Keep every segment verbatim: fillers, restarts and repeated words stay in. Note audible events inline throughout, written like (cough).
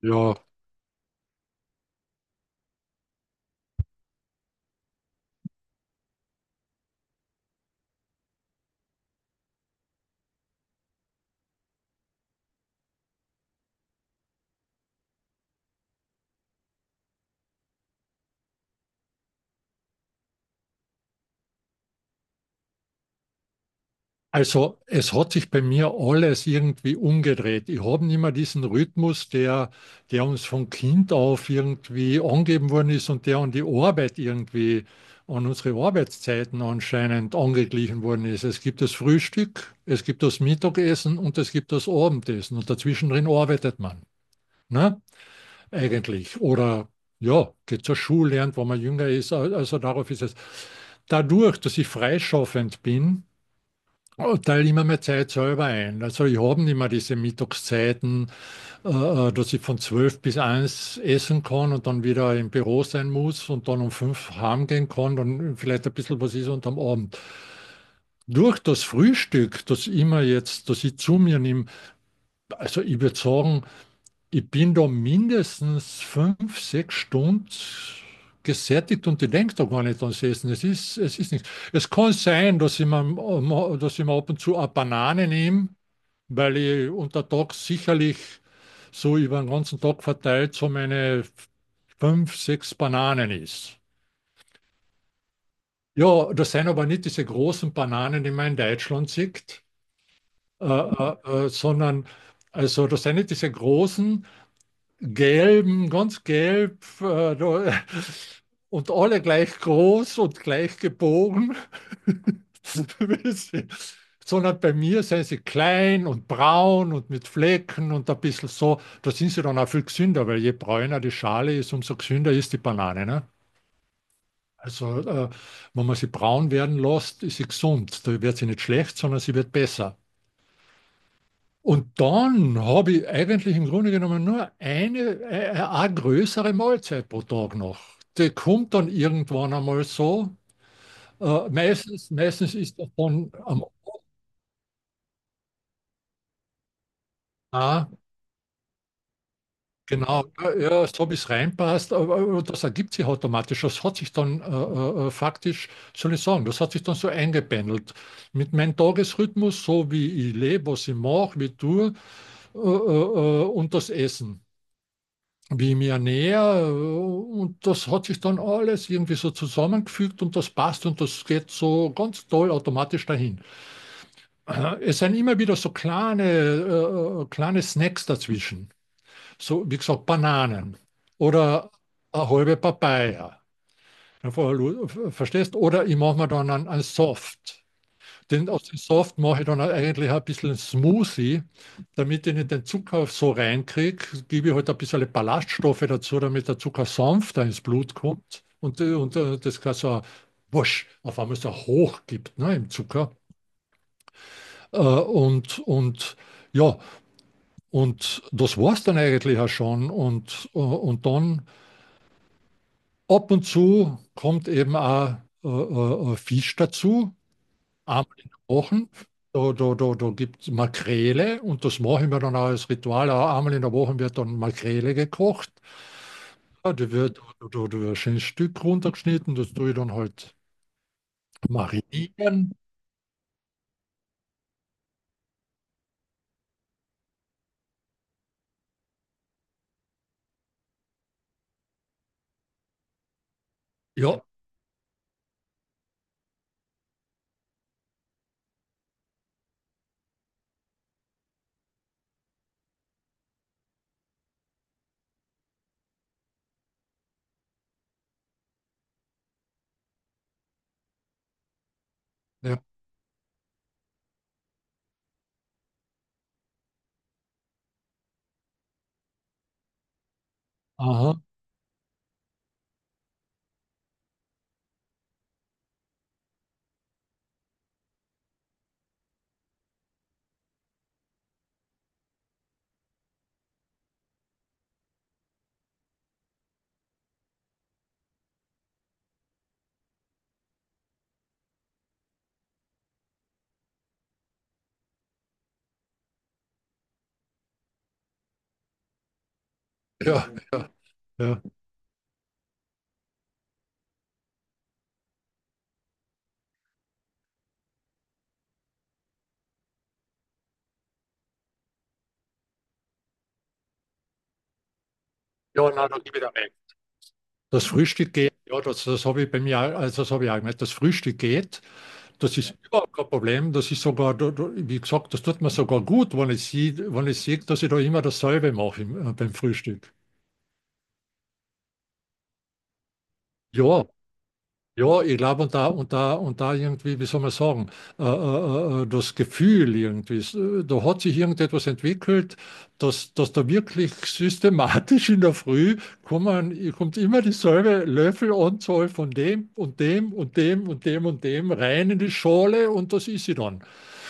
Ja, also es hat sich bei mir alles irgendwie umgedreht. Ich habe nicht mehr diesen Rhythmus, der, der uns von Kind auf irgendwie angegeben worden ist und der an die Arbeit irgendwie, an unsere Arbeitszeiten anscheinend angeglichen worden ist. Es gibt das Frühstück, es gibt das Mittagessen und es gibt das Abendessen und dazwischen drin arbeitet man, ne? Eigentlich. Oder ja, geht zur Schule, lernt, wenn man jünger ist. Also darauf ist es. Dadurch, dass ich freischaffend bin, oh, teile immer mehr Zeit selber ein. Also ich habe nicht mehr diese Mittagszeiten, äh, äh, dass ich von zwölf bis eins essen kann und dann wieder im Büro sein muss und dann um fünf heimgehen kann, dann vielleicht ein bisschen was ist und am Abend. Durch das Frühstück, das immer jetzt, das ich zu mir nehme, also ich würde sagen, ich bin da mindestens fünf sechs Stunden gesättigt und ich denke da gar nicht ans Essen. Es ist, es ist nichts. Es kann sein, dass ich mir, dass ich mir ab und zu eine Banane nehme, weil ich unter Tag sicherlich so über den ganzen Tag verteilt so meine fünf, sechs Bananen isst. Ja, das sind aber nicht diese großen Bananen, die man in Deutschland sieht, äh, äh, äh, sondern also das sind nicht diese großen, gelben, ganz gelb äh, da- (laughs) und alle gleich groß und gleich gebogen. (laughs) sondern bei mir sind sie klein und braun und mit Flecken und ein bisschen so. Da sind sie dann auch viel gesünder, weil je bräuner die Schale ist, umso gesünder ist die Banane. Ne? Also, äh, wenn man sie braun werden lässt, ist sie gesund. Da wird sie nicht schlecht, sondern sie wird besser. Und dann habe ich eigentlich im Grunde genommen nur eine, äh, äh, eine größere Mahlzeit pro Tag noch. Die kommt dann irgendwann einmal so. Äh, meistens, meistens ist das dann am genau, ja, ja, so wie es reinpasst, aber aber das ergibt sich automatisch. Das hat sich dann äh, äh, äh, faktisch, soll ich sagen, das hat sich dann so eingependelt. Mit meinem Tagesrhythmus, so wie ich lebe, was ich mache, wie ich tue äh, äh, äh, und das Essen, wie ich mich ernähre. Äh, und das hat sich dann alles irgendwie so zusammengefügt und das passt und das geht so ganz toll automatisch dahin. Äh, Es sind immer wieder so kleine, äh, äh, kleine Snacks dazwischen so wie gesagt, Bananen oder eine halbe Papaya. Verstehst? Oder ich mache mir dann einen, einen Soft. Den, aus dem Soft mache ich dann eigentlich ein bisschen einen Smoothie, damit ich nicht den Zucker so reinkriege. Gebe ich halt ein bisschen Ballaststoffe dazu, damit der Zucker sanfter ins Blut kommt. Und, äh, und äh, das kann so ein wusch, auf einmal so hoch gibt ne, im Zucker. Äh, und, und ja, und das war es dann eigentlich auch schon. Und, äh, und dann ab und zu kommt eben auch äh, äh, äh, Fisch dazu, einmal in der Woche. Da, da, da, da gibt es Makrele und das machen wir dann auch als Ritual. Auch einmal in der Woche wird dann Makrele gekocht. Ja, die wird, da, da, da wird ein schönes Stück runtergeschnitten, das tue ich dann halt marinieren. Ja, ja, aha, ja, ja, ja. Ja, nein, da gebe ich da weg. Das Frühstück geht, ja, das, das habe ich bei mir, auch- also das habe ich auch gemerkt. Das Frühstück geht, das ist überhaupt kein Problem. Das ist sogar, da- da- wie gesagt, das tut mir sogar gut, wenn ich sehe, wenn ich sehe, dass ich da immer dasselbe mache im- äh, beim Frühstück. Ja, ja, ich glaube, und da, und da, und da irgendwie, wie soll man sagen, äh, äh, äh, äh, das Gefühl irgendwie, s- äh, da hat sich irgendetwas entwickelt, dass, dass da wirklich systematisch in der Früh kommen, kommt immer dieselbe Löffelanzahl von dem und dem und dem und dem und dem rein in die Schale und das ist sie dann.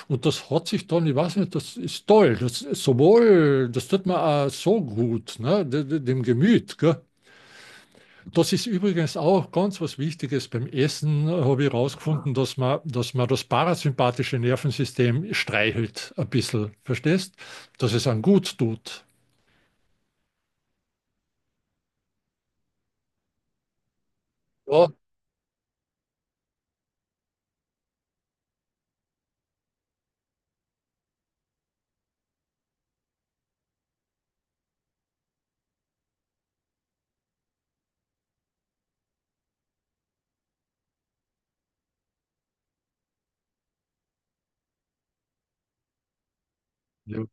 Und das hat sich dann, ich weiß nicht, das ist toll, das ist sowohl, das tut mir auch so gut, ne, de- de- dem Gemüt, gell? Das ist übrigens auch ganz was Wichtiges. Beim Essen habe ich herausgefunden, dass man, dass man das parasympathische Nervensystem streichelt ein bisschen. Verstehst? Dass es einem gut tut. Ja, ja.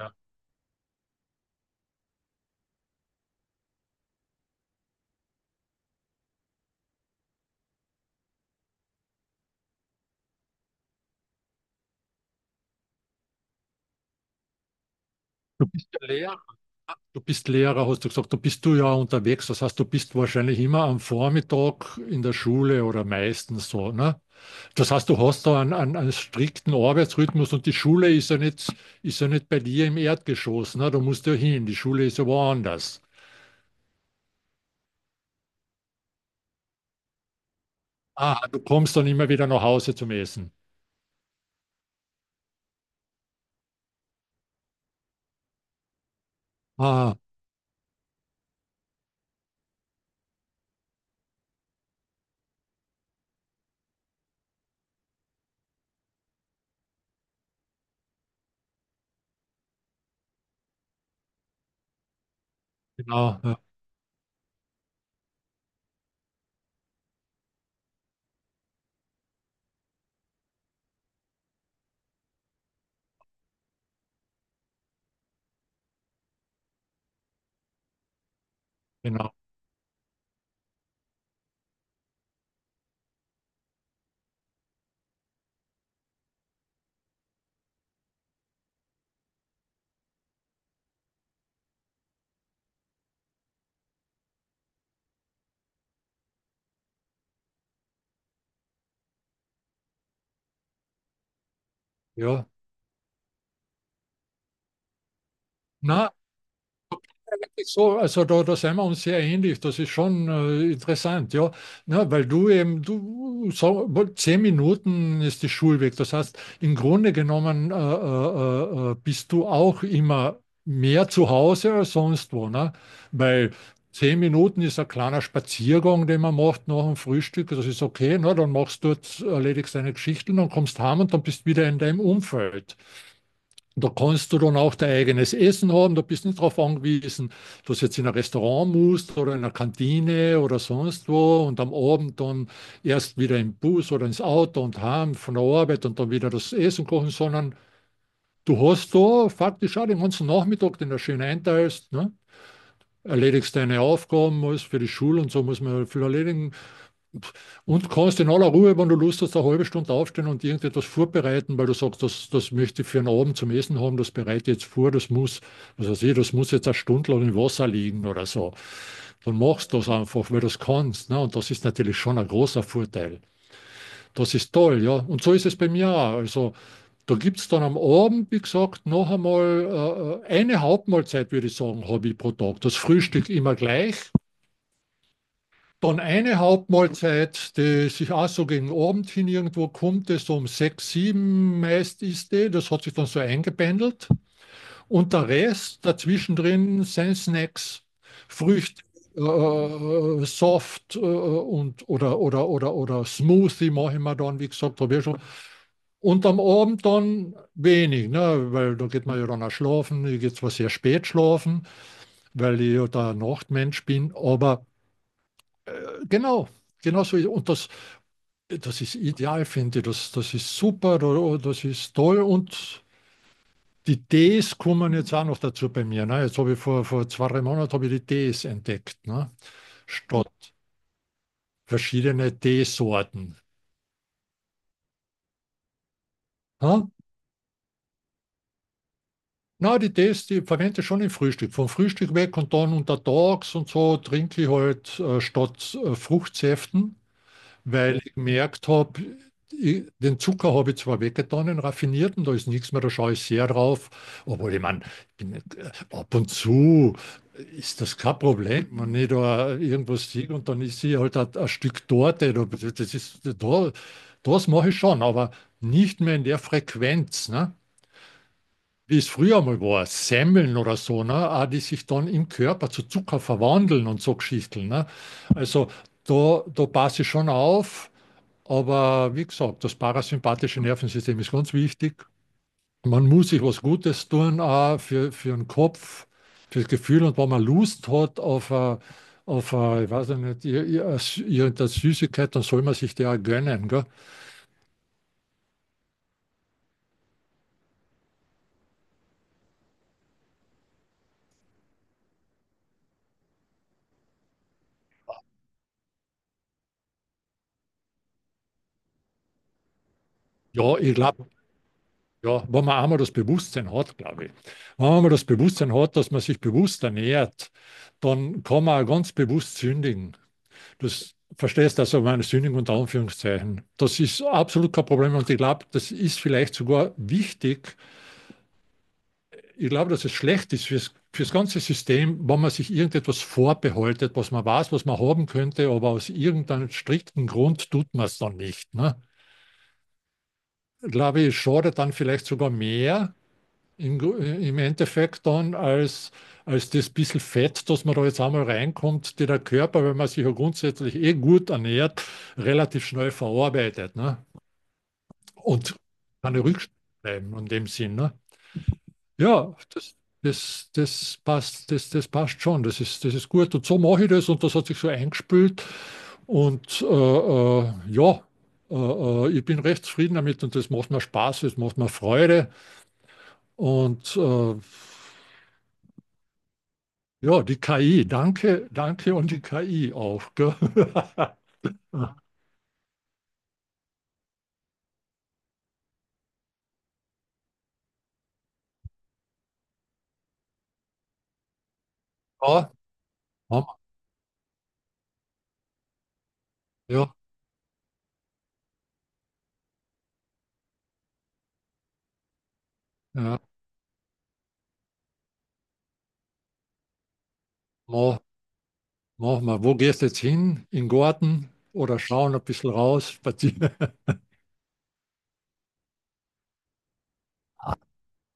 Ja. Lehrer. Du bist Lehrer, hast du gesagt, du bist du ja unterwegs. Das heißt, du bist wahrscheinlich immer am Vormittag in der Schule oder meistens so. Ne? Das heißt, du hast da einen, einen, einen strikten Arbeitsrhythmus und die Schule ist ja nicht, ist ja nicht bei dir im Erdgeschoss. Ne? Da musst du ja hin. Die Schule ist ja woanders. Ah, du kommst dann immer wieder nach Hause zum Essen. Ah, genau, ja, genau. Ja. Na, so, also da, da sind wir uns sehr ähnlich. Das ist schon äh, interessant, ja. Na, weil du eben, du, so, zehn Minuten ist die Schulweg. Das heißt, im Grunde genommen äh, äh, äh, bist du auch immer mehr zu Hause als sonst wo, ne? Weil zehn Minuten ist ein kleiner Spaziergang, den man macht nach dem Frühstück. Das ist okay, ne? Dann machst du dort, erledigst deine Geschichten und kommst heim und dann bist wieder in deinem Umfeld. Da kannst du dann auch dein eigenes Essen haben. Da bist du nicht darauf angewiesen, dass du jetzt in ein Restaurant musst oder in einer Kantine oder sonst wo und am Abend dann erst wieder im Bus oder ins Auto und heim von der Arbeit und dann wieder das Essen kochen, sondern du hast da faktisch auch den ganzen Nachmittag, den du schön einteilst, ne? Erledigst deine Aufgaben, alles für die Schule und so muss man viel erledigen. Und kannst in aller Ruhe, wenn du Lust hast, eine halbe Stunde aufstehen und irgendetwas vorbereiten, weil du sagst, das, das möchte ich für einen Abend zum Essen haben, das bereite ich jetzt vor, das muss, was weiß ich, das muss jetzt eine Stunde lang im Wasser liegen oder so. Dann machst du das einfach, weil du es kannst. Ne? Und das ist natürlich schon ein großer Vorteil. Das ist toll, ja. Und so ist es bei mir auch. Also da gibt es dann am Abend, wie gesagt, noch einmal äh, äh, eine Hauptmahlzeit, würde ich sagen, habe ich pro Tag. Das Frühstück immer gleich. Dann eine Hauptmahlzeit, die sich auch so gegen Abend hin irgendwo kommt, das so um sechs, sieben meist ist die, das hat sich dann so eingependelt. Und der Rest dazwischen drin sind Snacks, Früchte, äh, Soft äh, und, oder, oder, oder, oder Smoothie mache ich mir dann, wie gesagt, habe ich ja schon. Und am Abend dann wenig, ne? Weil da geht man ja dann auch schlafen. Ich gehe zwar sehr spät schlafen, weil ich ja der Nachtmensch bin, aber äh, genau. Genau so. Und das, das ist ideal, finde ich. Das, das ist super, oh, das ist toll und die Tees kommen jetzt auch noch dazu bei mir. Ne? Jetzt habe ich vor, vor zwei, drei Monaten habe ich die Tees entdeckt, ne? Statt verschiedene Teesorten. Ha? Na, die Tees, die verwende ich schon im Frühstück. Vom Frühstück weg und dann untertags und so trinke ich halt äh, statt äh, Fruchtsäften weil ich gemerkt habe, ich- den Zucker habe ich zwar weggetan, den raffinierten, da ist nichts mehr, da schaue ich sehr drauf. Obwohl, ich meine, ich bin, nicht- äh, ab und zu ist das kein Problem, wenn ich da irgendwas sehe und dann ist sie halt ein, ein Stück Torte. Da- das ist, da, das mache ich schon, aber nicht mehr in der Frequenz, ne? Wie es früher mal war, Semmeln oder so, ne? Auch die sich dann im Körper zu Zucker verwandeln und so Geschichten, ne? Also da, da passe ich schon auf. Aber wie gesagt, das parasympathische Nervensystem ist ganz wichtig. Man muss sich was Gutes tun, auch für, für den Kopf, fürs Gefühl. Und wenn man Lust hat auf, eine- auf eine, ich weiß ja nicht, ir- ir- irgendeine Süßigkeit, dann soll man sich die auch gönnen. Gell? Ja, ich glaube, ja, wenn man einmal das Bewusstsein hat, glaube ich. Wenn man einmal das Bewusstsein hat, dass man sich bewusst ernährt, dann kann man auch ganz bewusst sündigen. Das verstehst also meine Sündigung unter Anführungszeichen. Das ist absolut kein Problem und ich glaube, das ist vielleicht sogar wichtig. Ich glaube, dass es schlecht ist fürs, fürs ganze System, wenn man sich irgendetwas vorbehaltet, was man weiß, was man haben könnte, aber aus irgendeinem strikten Grund tut man es dann nicht. Ne? Ich glaube, es schadet dann vielleicht sogar mehr, im, im Endeffekt dann als, als das bisschen Fett, das man da jetzt einmal reinkommt, die der Körper, wenn man sich ja grundsätzlich eh gut ernährt, relativ schnell verarbeitet, ne? Und keine Rückstände bleiben in dem Sinn, ne? Ja, das, das, das passt, das, das passt schon, das ist, das ist gut. Und so mache ich das und das hat sich so eingespült. Und äh, äh, ja, äh, äh, ich bin recht zufrieden damit und das macht mir Spaß, das macht mir Freude. Und äh, ja, die K I, danke, danke und die K I auch. Gell? (laughs) Ja, Mama, ja, ja, mach, mach mal. Wo gehst jetzt hin? In den Garten oder schauen ein bisschen raus, spazieren? (laughs)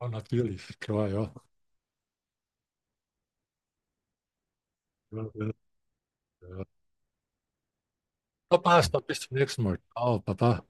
Ja, natürlich, klar, ja. Ja, ja, ja. Na, passt, dann bis zum nächsten Mal. Ciao, Papa.